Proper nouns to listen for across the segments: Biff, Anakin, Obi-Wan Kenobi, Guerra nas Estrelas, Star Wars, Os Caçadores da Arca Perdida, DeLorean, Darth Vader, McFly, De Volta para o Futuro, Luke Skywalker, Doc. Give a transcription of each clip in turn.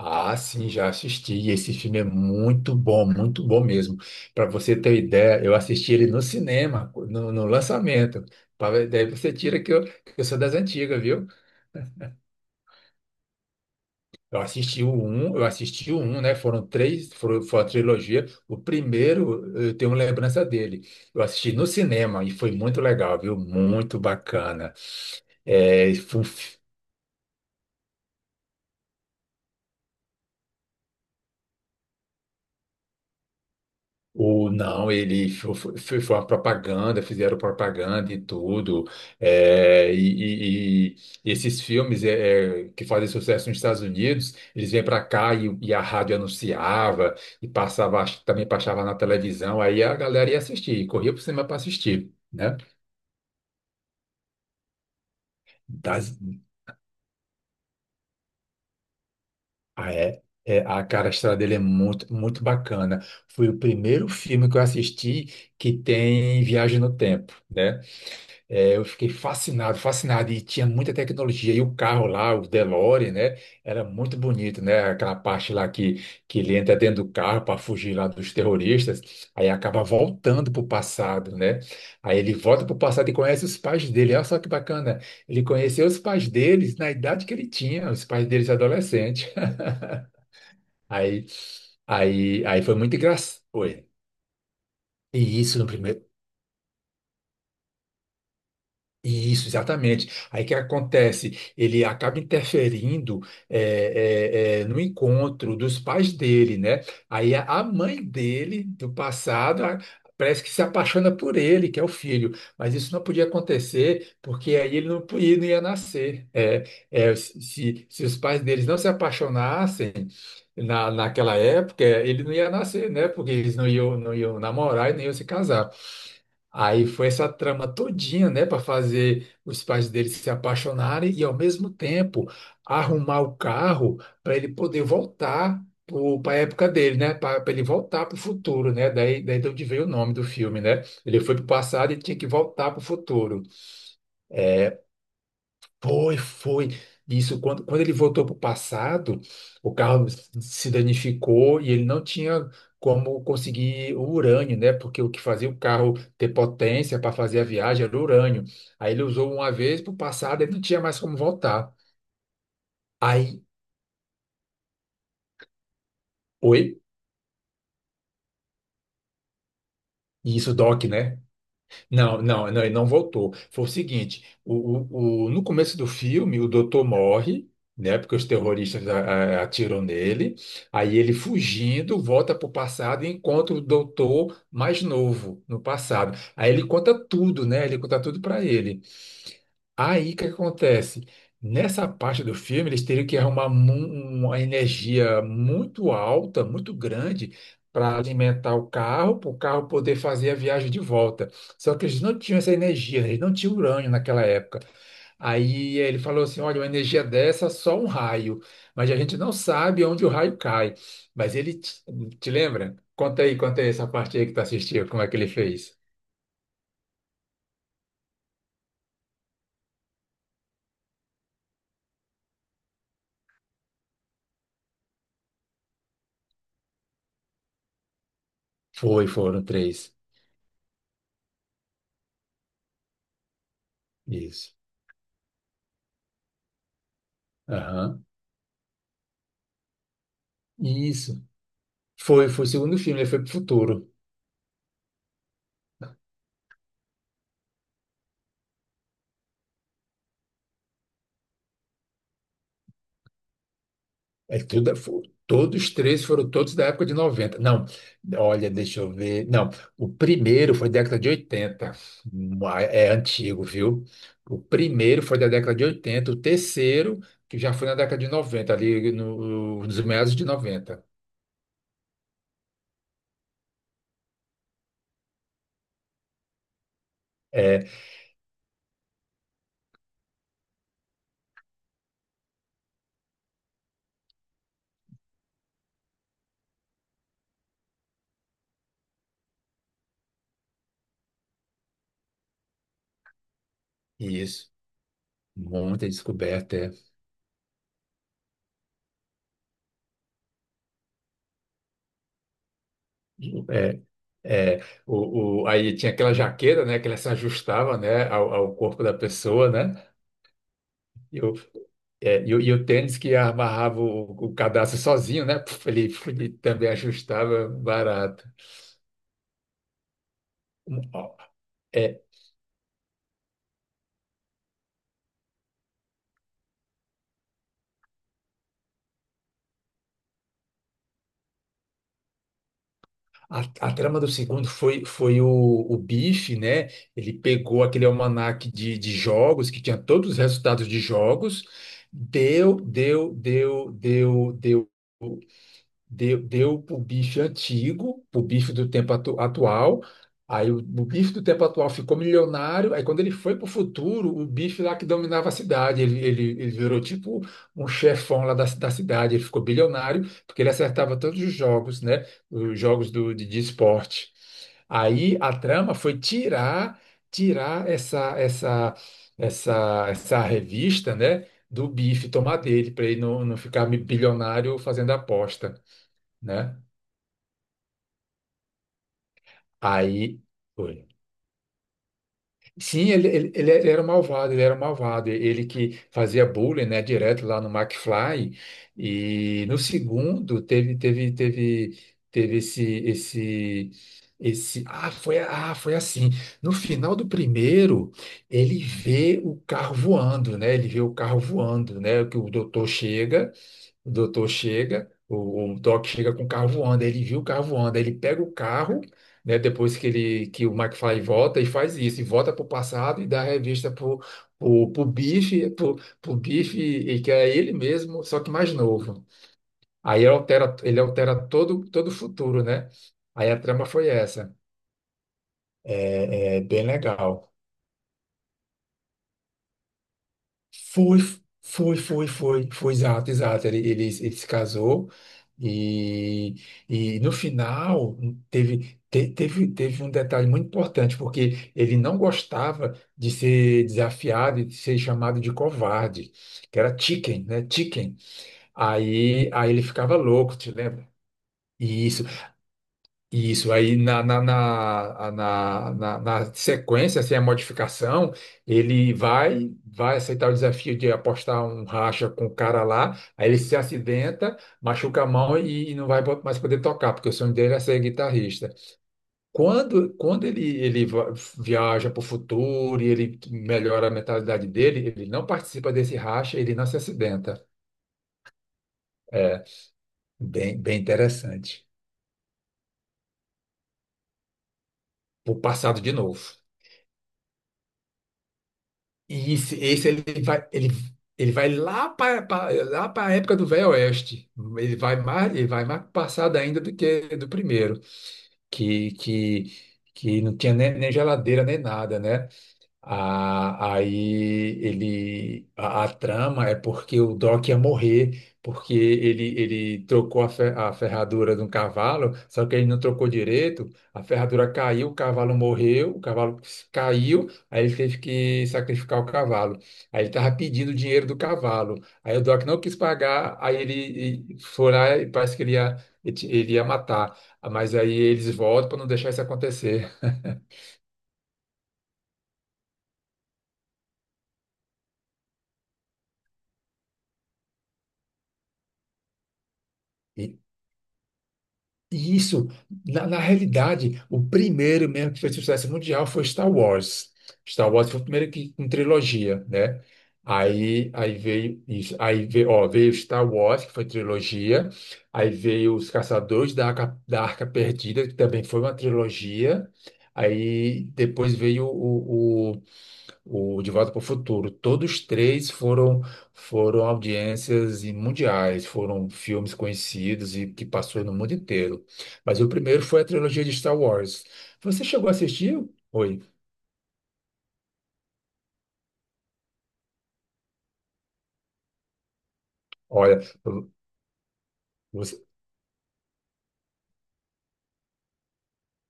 Ah, sim, já assisti. E esse filme é muito bom mesmo. Para você ter ideia, eu assisti ele no cinema, no lançamento. Daí você tira que eu sou das antigas, viu? Eu assisti o um, eu assisti o um, né? Foram três, foram, foi a trilogia. O primeiro, eu tenho lembrança dele. Eu assisti no cinema e foi muito legal, viu? Muito bacana. É, foi um O, não, ele foi uma propaganda, fizeram propaganda e tudo. é, e, e- e esses filmes que fazem sucesso nos Estados Unidos, eles vêm para cá e a rádio anunciava e passava, acho que também passava na televisão, aí a galera ia assistir, corria para o cinema para assistir, né? Das- ah, é, a cara a estrada dele é muito, muito bacana. Foi o primeiro filme que eu assisti que tem viagem no tempo, né? É, eu fiquei fascinado, fascinado. E tinha muita tecnologia. E o carro lá, o DeLorean, né? Era muito bonito, né? Aquela parte lá que ele entra dentro do carro para fugir lá dos terroristas. Aí acaba voltando para o passado, né? Aí ele volta para o passado e conhece os pais dele. Olha só que bacana. Ele conheceu os pais deles na idade que ele tinha, os pais deles adolescentes. Aí, aí foi muito engraçado. Oi. E isso no primeiro. Isso, exatamente. Aí o que acontece? Ele acaba interferindo no encontro dos pais dele, né? Aí a mãe dele, do passado, parece que se apaixona por ele, que é o filho. Mas isso não podia acontecer, porque aí ele não ia nascer. Se, se os pais deles não se apaixonassem naquela época, ele não ia nascer, né? Porque eles não iam, não iam namorar e nem iam se casar. Aí foi essa trama todinha, né, para fazer os pais dele se apaixonarem e ao mesmo tempo arrumar o carro para ele poder voltar para a época dele, né, para ele voltar para o futuro, né, daí de onde veio o nome do filme, né? Ele foi para o passado e tinha que voltar para o futuro. Foi, foi. Isso, quando ele voltou para o passado, o carro se danificou e ele não tinha como conseguir o urânio, né? Porque o que fazia o carro ter potência para fazer a viagem era o urânio. Aí ele usou uma vez para o passado, ele não tinha mais como voltar. Aí, oi? E isso, Doc, né? Não, não, não, ele não voltou. Foi o seguinte, no começo do filme, o doutor morre, né? Porque os terroristas atiram nele. Aí ele fugindo, volta para o passado e encontra o doutor mais novo no passado. Aí ele conta tudo, né? Ele conta tudo para ele. Aí o que acontece? Nessa parte do filme, eles teriam que uma energia muito alta, muito grande, para alimentar o carro, para o carro poder fazer a viagem de volta. Só que eles não tinham essa energia, eles não tinham urânio naquela época. Aí ele falou assim: olha, uma energia dessa, só um raio. Mas a gente não sabe onde o raio cai. Mas ele te lembra? Conta aí essa parte aí que tu assistiu, como é que ele fez? Foi, foram três. Isso. Aham. Isso. Foi, foi o segundo filme, ele foi pro futuro. Todos três foram todos da época de noventa. Não, olha, deixa eu ver. Não, o primeiro foi década de oitenta. É antigo, viu? O primeiro foi da década de oitenta, o terceiro, que já foi na década de noventa, ali no, nos meados de noventa. É, isso. Muita descoberta, é. É, é. Aí tinha aquela jaqueta, né, que ela se ajustava, né, ao corpo da pessoa, né? É, e o tênis que amarrava o cadastro sozinho, né? Puf, ele também ajustava barato. Um, ó, é, a trama do segundo foi, foi o Bife, né? Ele pegou aquele almanaque de jogos, que tinha todos os resultados de jogos, deu, deu, deu, deu, deu. deu para o bife antigo, para o bife do tempo atual. Aí o bife do tempo atual ficou milionário. Aí quando ele foi para o futuro, o bife lá que dominava a cidade, ele virou tipo um chefão lá da cidade. Ele ficou bilionário porque ele acertava todos os jogos, né? Os jogos de esporte. Aí a trama foi tirar essa revista, né? Do bife, tomar dele, para ele não ficar bilionário fazendo aposta, né? Aí foi. Sim, ele ele era um malvado, ele era um malvado. Ele que fazia bullying, né, direto lá no McFly. E no segundo teve teve teve teve esse esse esse ah, foi assim. No final do primeiro, ele vê o carro voando, né? Ele vê o carro voando, né? Que o doutor chega. O doutor chega, o Doc chega com o carro voando, aí ele viu o carro voando, aí ele pega o carro, né, depois que ele que o McFly volta e faz isso, e volta pro passado e dá a revista pro Biff, pro Biff, e que é ele mesmo, só que mais novo. Aí ele altera todo o futuro, né? Aí a trama foi essa. É, é bem legal. Foi, exato, exato. Ele se casou e, e no final teve, teve um detalhe muito importante, porque ele não gostava de ser desafiado e de ser chamado de covarde, que era chicken, né? Chicken. Aí ele ficava louco, te lembra? E isso, aí na, na, na, na, na, na sequência, sem a modificação, ele vai aceitar o desafio de apostar um racha com o cara lá, aí ele se acidenta, machuca a mão e não vai mais poder tocar, porque o sonho dele é ser guitarrista. Quando, quando ele va- viaja para o futuro e ele melhora a mentalidade dele, ele não participa desse racha, ele não se acidenta. É bem, bem interessante. O passado de novo. E esse ele vai, ele vai lá para a época do Velho Oeste. Ele vai mais passado ainda do que do primeiro, que, que, que não tinha nem geladeira nem nada, né? Ah, aí a trama é porque o Doc ia morrer, porque ele trocou a ferradura de um cavalo, só que ele não trocou direito, a ferradura caiu, o cavalo morreu, o cavalo caiu, aí ele teve que sacrificar o cavalo. Aí ele estava pedindo o dinheiro do cavalo. Aí o Doc não quis pagar, aí foi lá e parece que ele ia matar. Mas aí eles voltam para não deixar isso acontecer. E isso, na realidade, o primeiro mesmo que fez sucesso mundial foi Star Wars. Star Wars foi o primeiro que com trilogia, né? Aí veio isso, aí veio, ó, veio Star Wars, que foi trilogia, aí veio Os Caçadores da Arca Perdida, que também foi uma trilogia, aí depois veio o De Volta para o Futuro. Todos três foram audiências e mundiais, foram filmes conhecidos e que passou no mundo inteiro. Mas o primeiro foi a trilogia de Star Wars. Você chegou a assistir? Oi. Olha, você-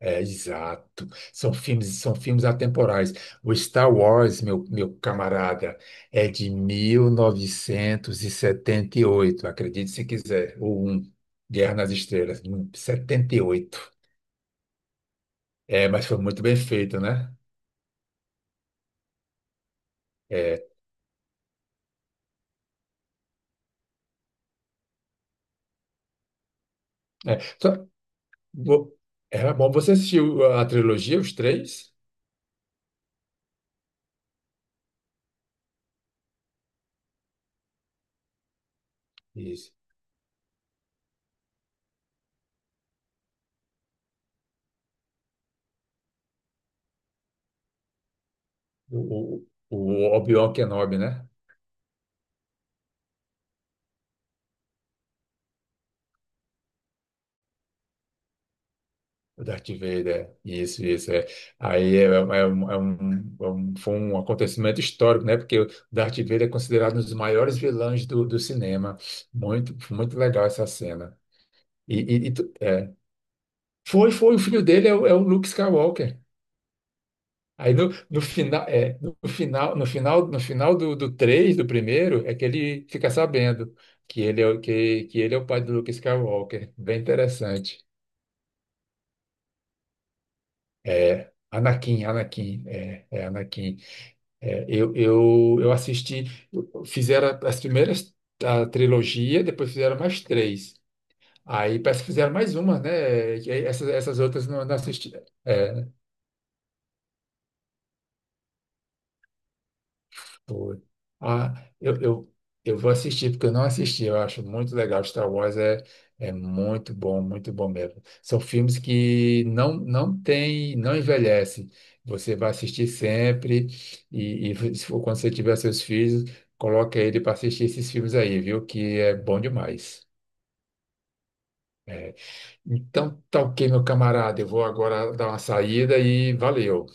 é exato. São filmes atemporais. O Star Wars, meu camarada, é de 1978, acredite se quiser. O um, Guerra nas Estrelas, 78. É, mas foi muito bem feito, né? É, é, só- vo- era bom. Você assistiu a trilogia, os três? Isso. O, o Obi-Wan Kenobi, né? O Darth Vader. Isso, isso. É. Aí é, é um, é um, é um- é um- foi um acontecimento histórico, né? Porque o Darth Vader é considerado um dos maiores vilões do cinema. Muito, muito legal essa cena. É. Foi, foi. O filho dele é o Luke Skywalker. Aí no final, é, no final, no final, no final do 3, do primeiro, é que ele fica sabendo que que ele é o pai do Luke Skywalker. Bem interessante. É, Anakin, Anakin, é, é Anakin. É, eu assisti, fizeram as primeiras a trilogia, depois fizeram mais três. Aí parece que fizeram mais uma, né? E aí essas, essas outras não, não assisti. É, Pô, Ah, eu, eu, eu vou assistir, porque eu não assisti, eu acho muito legal. Star Wars é, é muito bom mesmo. São filmes que não, não tem, não envelhece. Você vai assistir sempre, e se for quando você tiver seus filhos, coloca ele para assistir esses filmes aí, viu? Que é bom demais. É. Então, tá ok, meu camarada. Eu vou agora dar uma saída e valeu.